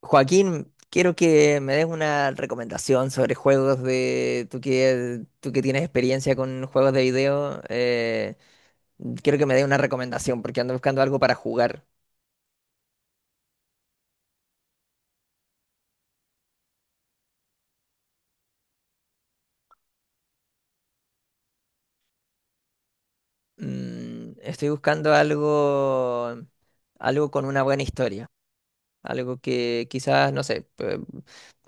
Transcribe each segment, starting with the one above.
Joaquín, quiero que me des una recomendación sobre juegos de... Tú que tienes experiencia con juegos de video, quiero que me des una recomendación porque ando buscando algo para jugar. Estoy buscando algo, algo con una buena historia, algo que quizás, no sé,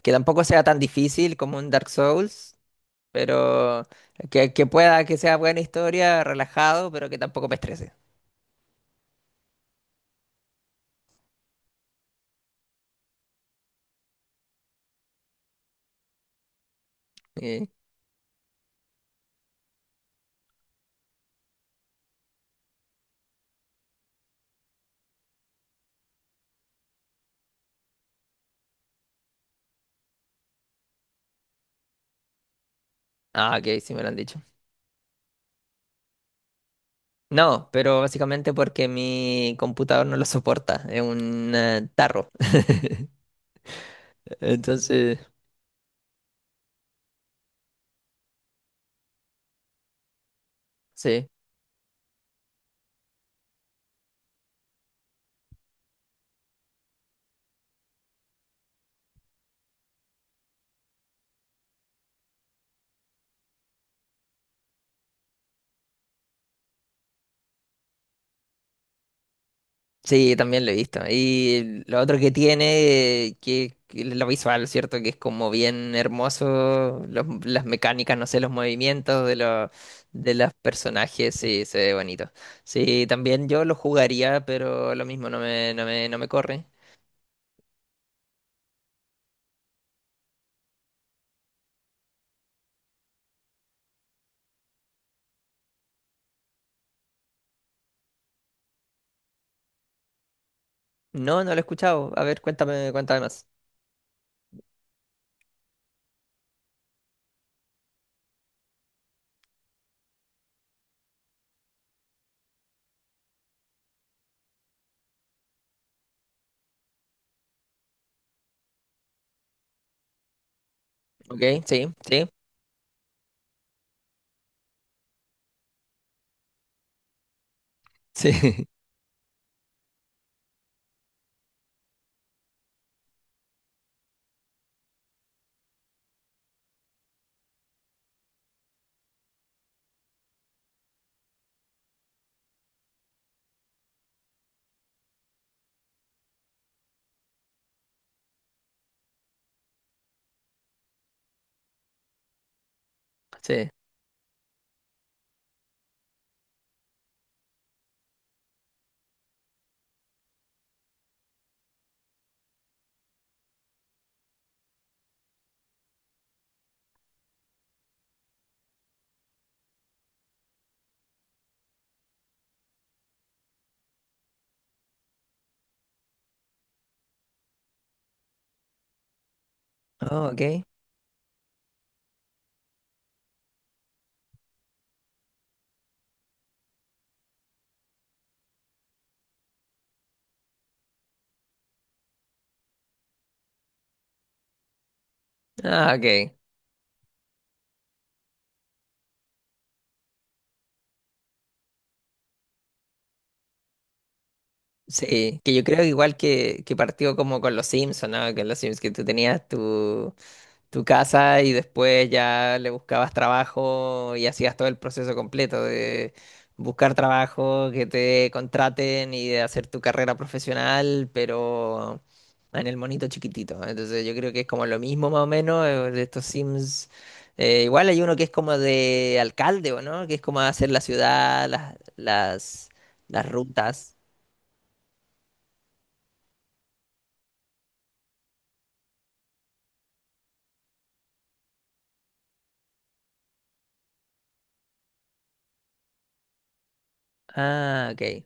que tampoco sea tan difícil como un Dark Souls, pero que pueda que sea buena historia, relajado, pero que tampoco me estrese. Eh, Ah, ok, sí me lo han dicho. No, pero básicamente porque mi computador no lo soporta, es un tarro. Entonces, sí, sí, también lo he visto. Y lo otro que tiene, que lo visual, ¿cierto? Que es como bien hermoso, las mecánicas, no sé, los movimientos de los personajes, sí, se ve bonito. Sí, también yo lo jugaría, pero lo mismo, no me corre. No, no lo he escuchado. A ver, cuéntame más. Ok, sí, sí, sí. Sí. Oh, ok. Ah, ok. Sí, que yo creo que igual que partió como con los Sims, ¿o no? Con los Sims que tú tenías tu, tu casa y después ya le buscabas trabajo y hacías todo el proceso completo de buscar trabajo, que te contraten y de hacer tu carrera profesional, pero en el monito chiquitito. Entonces yo creo que es como lo mismo más o menos de estos Sims. Igual hay uno que es como de alcalde, ¿o no? Que es como hacer la ciudad, las rutas. Ah,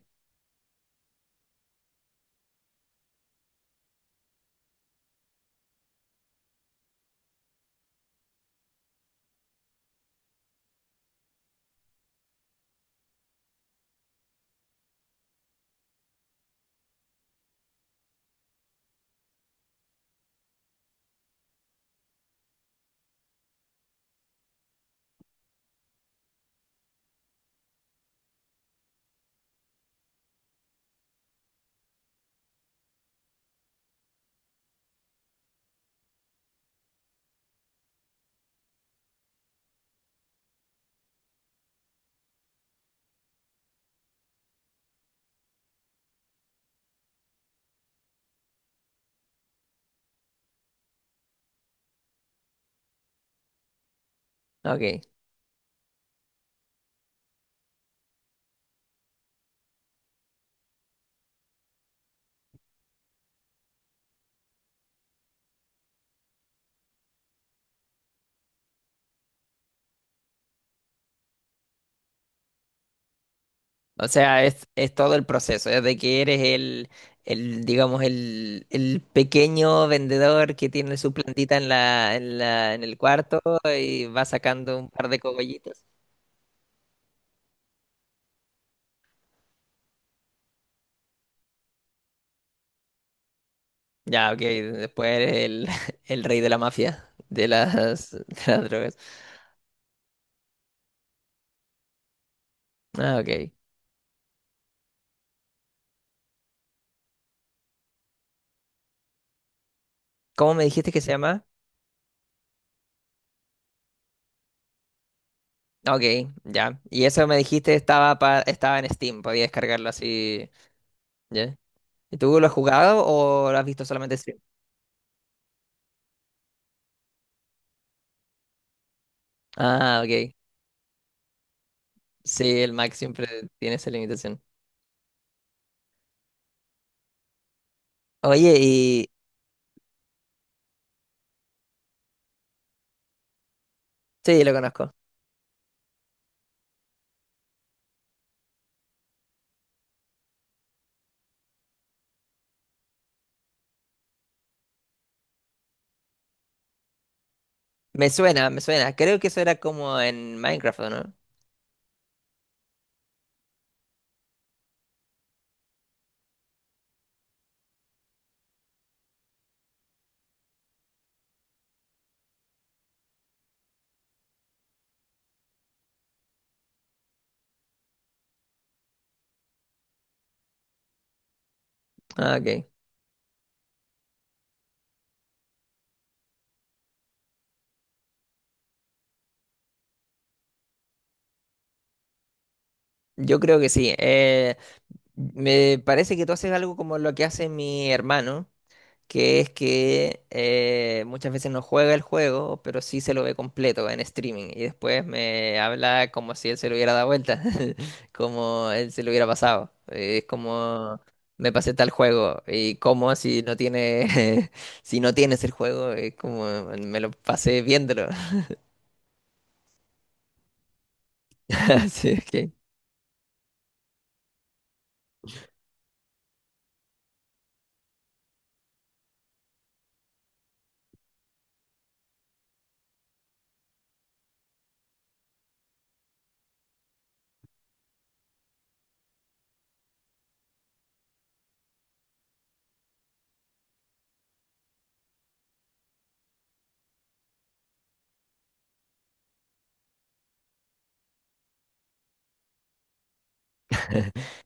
ok. O sea, es todo el proceso, desde que eres el digamos, el pequeño vendedor que tiene su plantita en en el cuarto y va sacando un par de cogollitos. Ya, ok, después eres el, el rey de la mafia, de las drogas. Ah, ok. ¿Cómo me dijiste que se llama? Ah, ok, ya. Y eso me dijiste estaba, estaba en Steam, podía descargarlo así, ¿ya? ¿Y tú lo has jugado o lo has visto solamente en stream? Ah, ok. Sí, el Mac siempre tiene esa limitación. Oye, y... Sí, lo conozco. Me suena, me suena. Creo que eso era como en Minecraft, ¿o no? Ah, ok. Yo creo que sí. Me parece que tú haces algo como lo que hace mi hermano, que es que muchas veces no juega el juego, pero sí se lo ve completo en streaming y después me habla como si él se lo hubiera dado vuelta, como él se lo hubiera pasado. Es como me pasé tal juego y como si no tiene si no tienes el juego, es como me lo pasé viéndolo. Así es que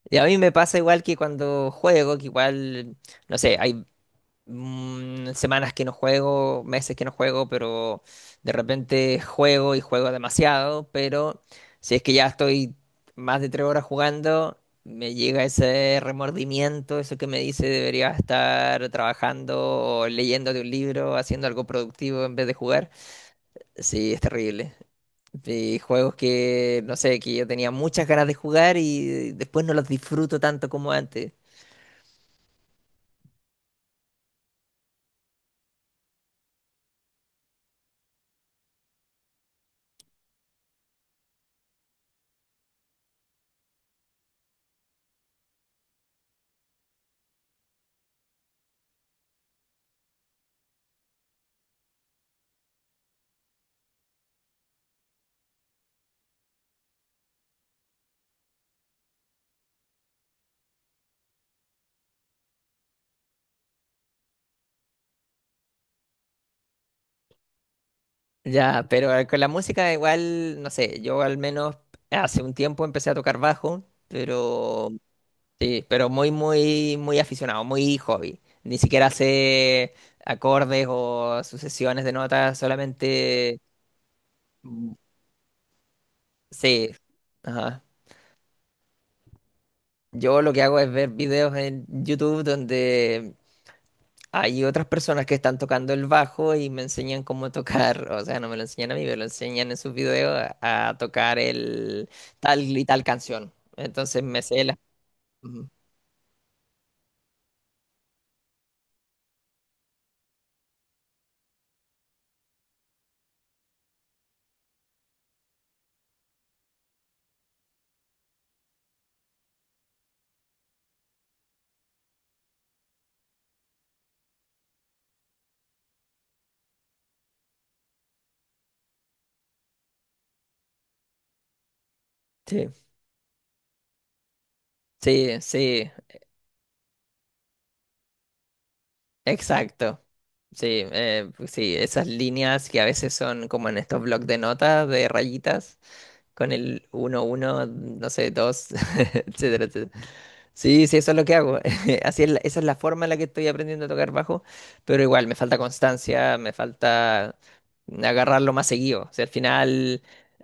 y a mí me pasa igual que cuando juego, que igual, no sé, hay semanas que no juego, meses que no juego, pero de repente juego y juego demasiado, pero si es que ya estoy más de 3 horas jugando, me llega ese remordimiento, eso que me dice debería estar trabajando o leyendo de un libro, haciendo algo productivo en vez de jugar. Sí, es terrible. Y juegos que, no sé, que yo tenía muchas ganas de jugar y después no los disfruto tanto como antes. Ya, pero con la música igual, no sé, yo al menos hace un tiempo empecé a tocar bajo, pero sí, pero muy aficionado, muy hobby. Ni siquiera sé acordes o sucesiones de notas, solamente mm, sí. Ajá. Yo lo que hago es ver videos en YouTube donde hay otras personas que están tocando el bajo y me enseñan cómo tocar, o sea, no me lo enseñan a mí, me lo enseñan en sus videos a tocar el tal y tal canción. Entonces me sé la... Ujú. Sí, sí, sí, exacto. Sí, pues sí, esas líneas que a veces son como en estos blocs de notas, de rayitas, con el uno uno, no sé, 2, etcétera, etcétera. Sí, sí, eso es lo que hago. Así es esa es la forma en la que estoy aprendiendo a tocar bajo, pero igual me falta constancia, me falta agarrarlo más seguido. O sea, al final,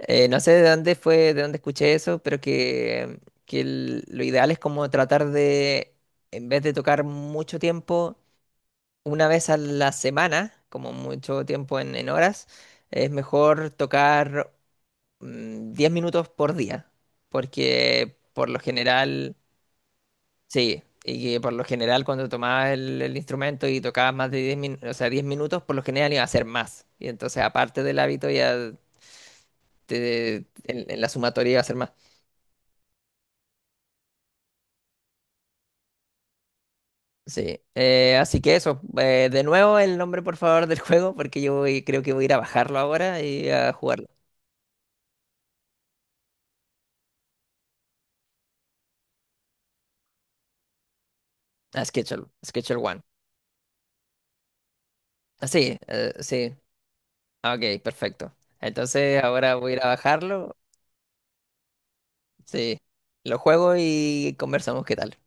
no sé de dónde fue, de dónde escuché eso, pero que lo ideal es como tratar de, en vez de tocar mucho tiempo, una vez a la semana, como mucho tiempo en horas, es mejor tocar 10 minutos por día, porque por lo general... Sí, y que por lo general cuando tomabas el instrumento y tocabas más de 10 minutos, o sea, 10 minutos, por lo general iba a ser más. Y entonces, aparte del hábito, te- en la sumatoria iba a ser más. Sí, así que eso, de nuevo el nombre por favor del juego, porque creo que voy a ir a bajarlo ahora y a jugarlo. A Schedule, Schedule One. Ah, sí, sí, ah, ok, perfecto. Entonces ahora voy a ir a bajarlo, sí, lo juego y conversamos qué tal.